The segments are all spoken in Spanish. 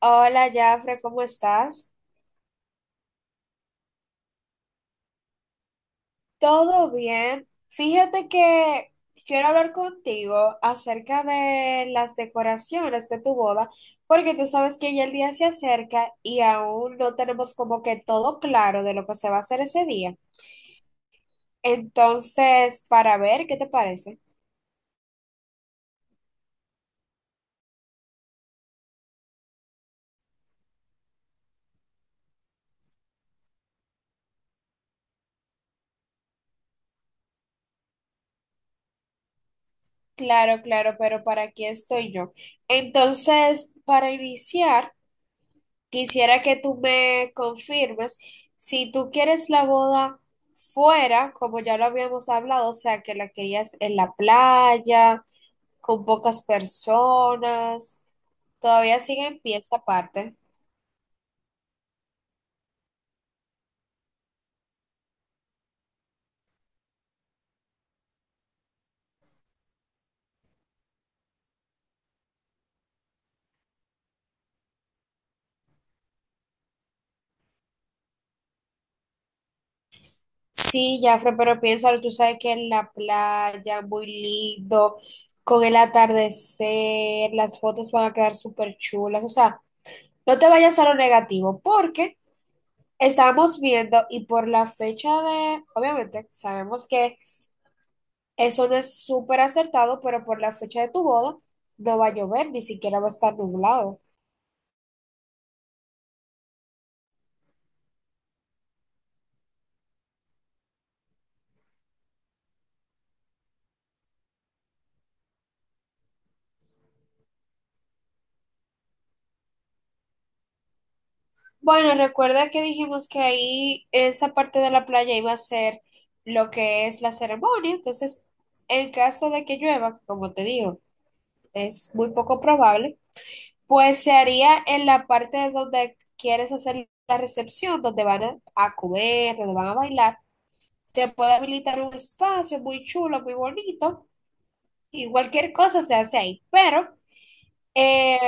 Hola, Jafre, ¿cómo estás? ¿Todo bien? Fíjate que quiero hablar contigo acerca de las decoraciones de tu boda, porque tú sabes que ya el día se acerca y aún no tenemos como que todo claro de lo que se va a hacer ese día. Entonces, para ver, ¿qué te parece? Claro, claro, pero para aquí estoy yo. Entonces, para iniciar... Quisiera que tú me confirmes si tú quieres la boda fuera, como ya lo habíamos hablado, o sea, que la querías en la playa, con pocas personas. Todavía sigue en pie esa parte. Sí, Jafre, pero piénsalo, tú sabes que en la playa, muy lindo, con el atardecer, las fotos van a quedar súper chulas. O sea, no te vayas a lo negativo, porque estábamos viendo y por la fecha de, obviamente, sabemos que eso no es súper acertado, pero por la fecha de tu boda no va a llover, ni siquiera va a estar nublado. Bueno, recuerda que dijimos que ahí esa parte de la playa iba a ser lo que es la ceremonia, entonces en caso de que llueva, que como te digo, es muy poco probable, pues se haría en la parte donde quieres hacer la recepción, donde van a comer, donde van a bailar. Se puede habilitar un espacio muy chulo, muy bonito, y cualquier cosa se hace ahí. Pero, eh,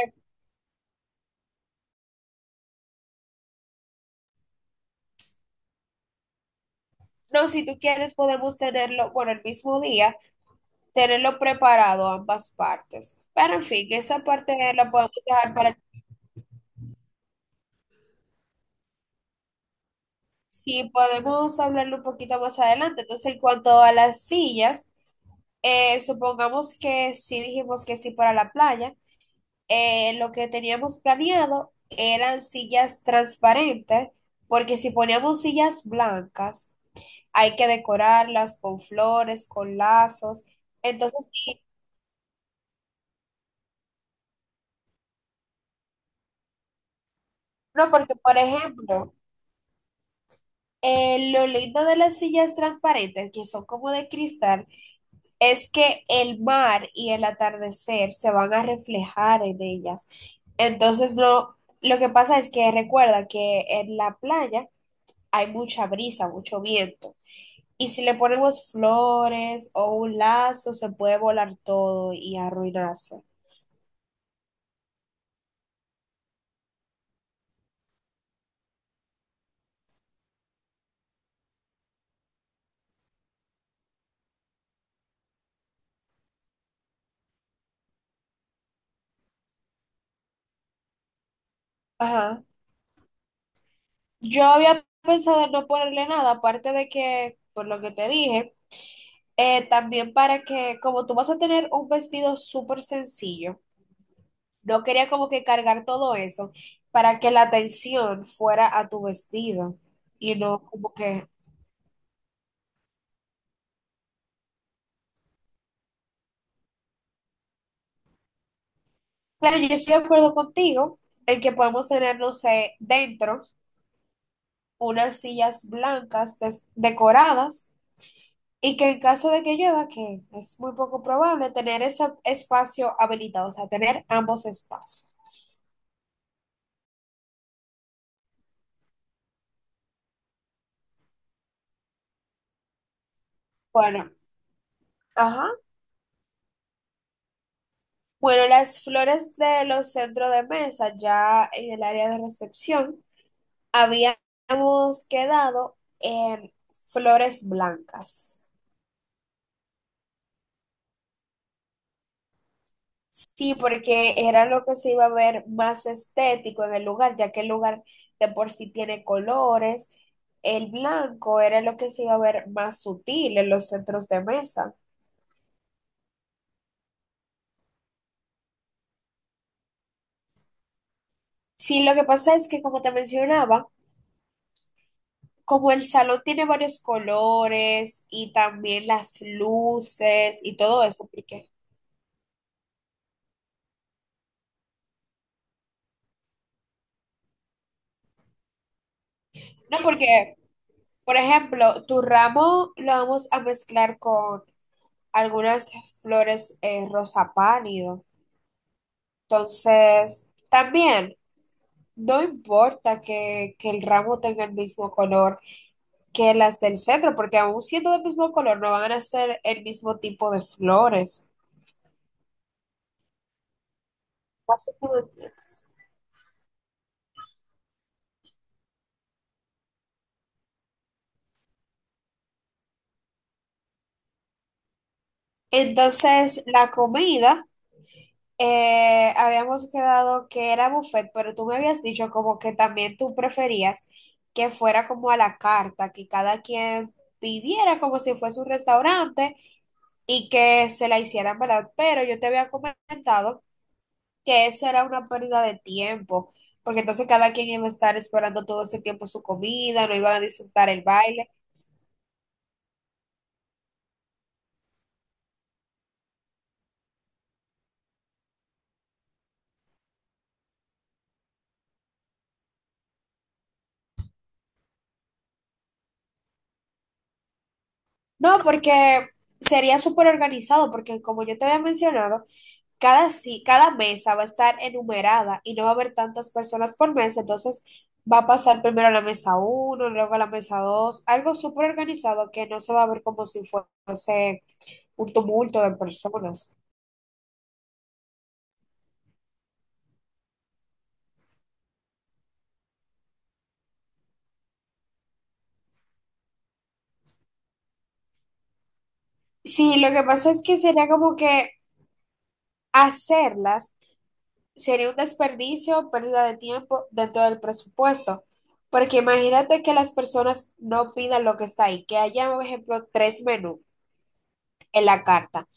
no, si tú quieres, podemos tenerlo, bueno, el mismo día, tenerlo preparado ambas partes. Pero, en fin, esa parte la podemos dejar para... Sí, podemos hablarlo un poquito más adelante. Entonces, en cuanto a las sillas, supongamos que sí dijimos que sí para la playa. Lo que teníamos planeado eran sillas transparentes, porque si poníamos sillas blancas, hay que decorarlas con flores, con lazos. Entonces, no, porque por ejemplo, lo lindo de las sillas transparentes, que son como de cristal, es que el mar y el atardecer se van a reflejar en ellas. Entonces, no, lo que pasa es que recuerda que en la playa hay mucha brisa, mucho viento. Y si le ponemos flores o un lazo, se puede volar todo y arruinarse. Ajá. Yo había pensado en no ponerle nada, aparte de que, por lo que te dije, también para que, como tú vas a tener un vestido súper sencillo, no quería como que cargar todo eso para que la atención fuera a tu vestido y no como que... Claro, yo estoy de acuerdo contigo en que podemos tener, no sé, dentro unas sillas blancas decoradas. Y que en caso de que llueva, que es muy poco probable, tener ese espacio habilitado, o sea, tener ambos espacios. Bueno, ajá. Bueno, las flores de los centros de mesa, ya en el área de recepción, habíamos quedado en flores blancas. Sí, porque era lo que se iba a ver más estético en el lugar, ya que el lugar de por sí tiene colores. El blanco era lo que se iba a ver más sutil en los centros de mesa. Sí, lo que pasa es que, como te mencionaba, como el salón tiene varios colores y también las luces y todo eso, ¿por qué? No, porque, por ejemplo, tu ramo lo vamos a mezclar con algunas flores rosa pálido. Entonces, también no importa que el ramo tenga el mismo color que las del centro, porque aún siendo del mismo color, no van a ser el mismo tipo de flores. Más o menos. Entonces, la comida, habíamos quedado que era buffet, pero tú me habías dicho como que también tú preferías que fuera como a la carta, que cada quien pidiera como si fuese un restaurante y que se la hicieran, ¿verdad? Pero yo te había comentado que eso era una pérdida de tiempo, porque entonces cada quien iba a estar esperando todo ese tiempo su comida, no iban a disfrutar el baile. No, porque sería súper organizado, porque como yo te había mencionado, cada, cada mesa va a estar enumerada y no va a haber tantas personas por mesa, entonces va a pasar primero a la mesa uno, luego a la mesa dos, algo súper organizado que no se va a ver como si fuese un tumulto de personas. Sí, lo que pasa es que sería como que hacerlas sería un desperdicio, pérdida de tiempo dentro del presupuesto, porque imagínate que las personas no pidan lo que está ahí, que haya, por ejemplo, tres menús en la carta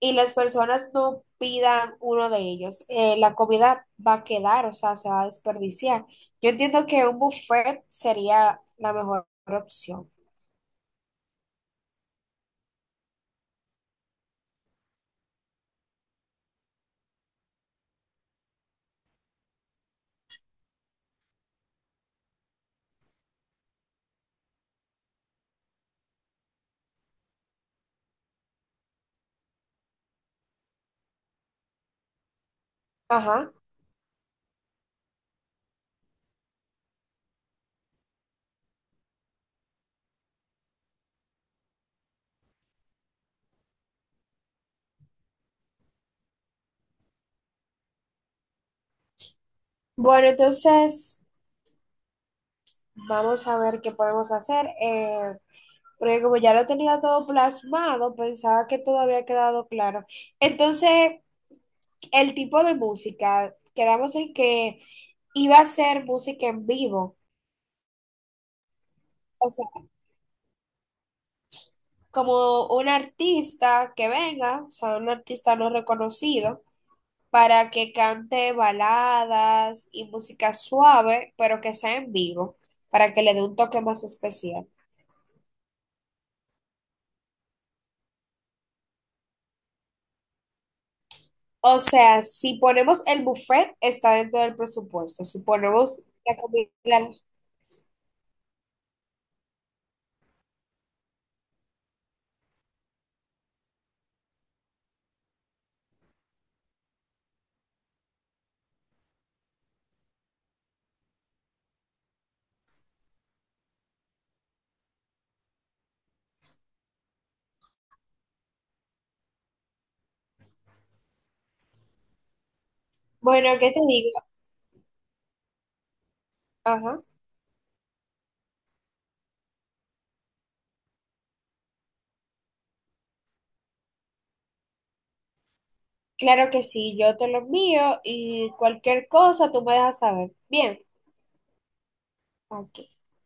y las personas no pidan uno de ellos, la comida va a quedar, o sea, se va a desperdiciar. Yo entiendo que un buffet sería la mejor opción. Ajá. Bueno, entonces vamos a ver qué podemos hacer, porque como ya lo tenía todo plasmado, pensaba que todo había quedado claro. Entonces, el tipo de música, quedamos en que iba a ser música en vivo. O sea, como un artista que venga, o sea, un artista no reconocido, para que cante baladas y música suave, pero que sea en vivo, para que le dé un toque más especial. O sea, si ponemos el buffet, está dentro del presupuesto. Si ponemos la comida, bueno, ¿qué te digo? Ajá. Claro que sí, yo te lo envío y cualquier cosa tú me dejas saber. Bien, ok.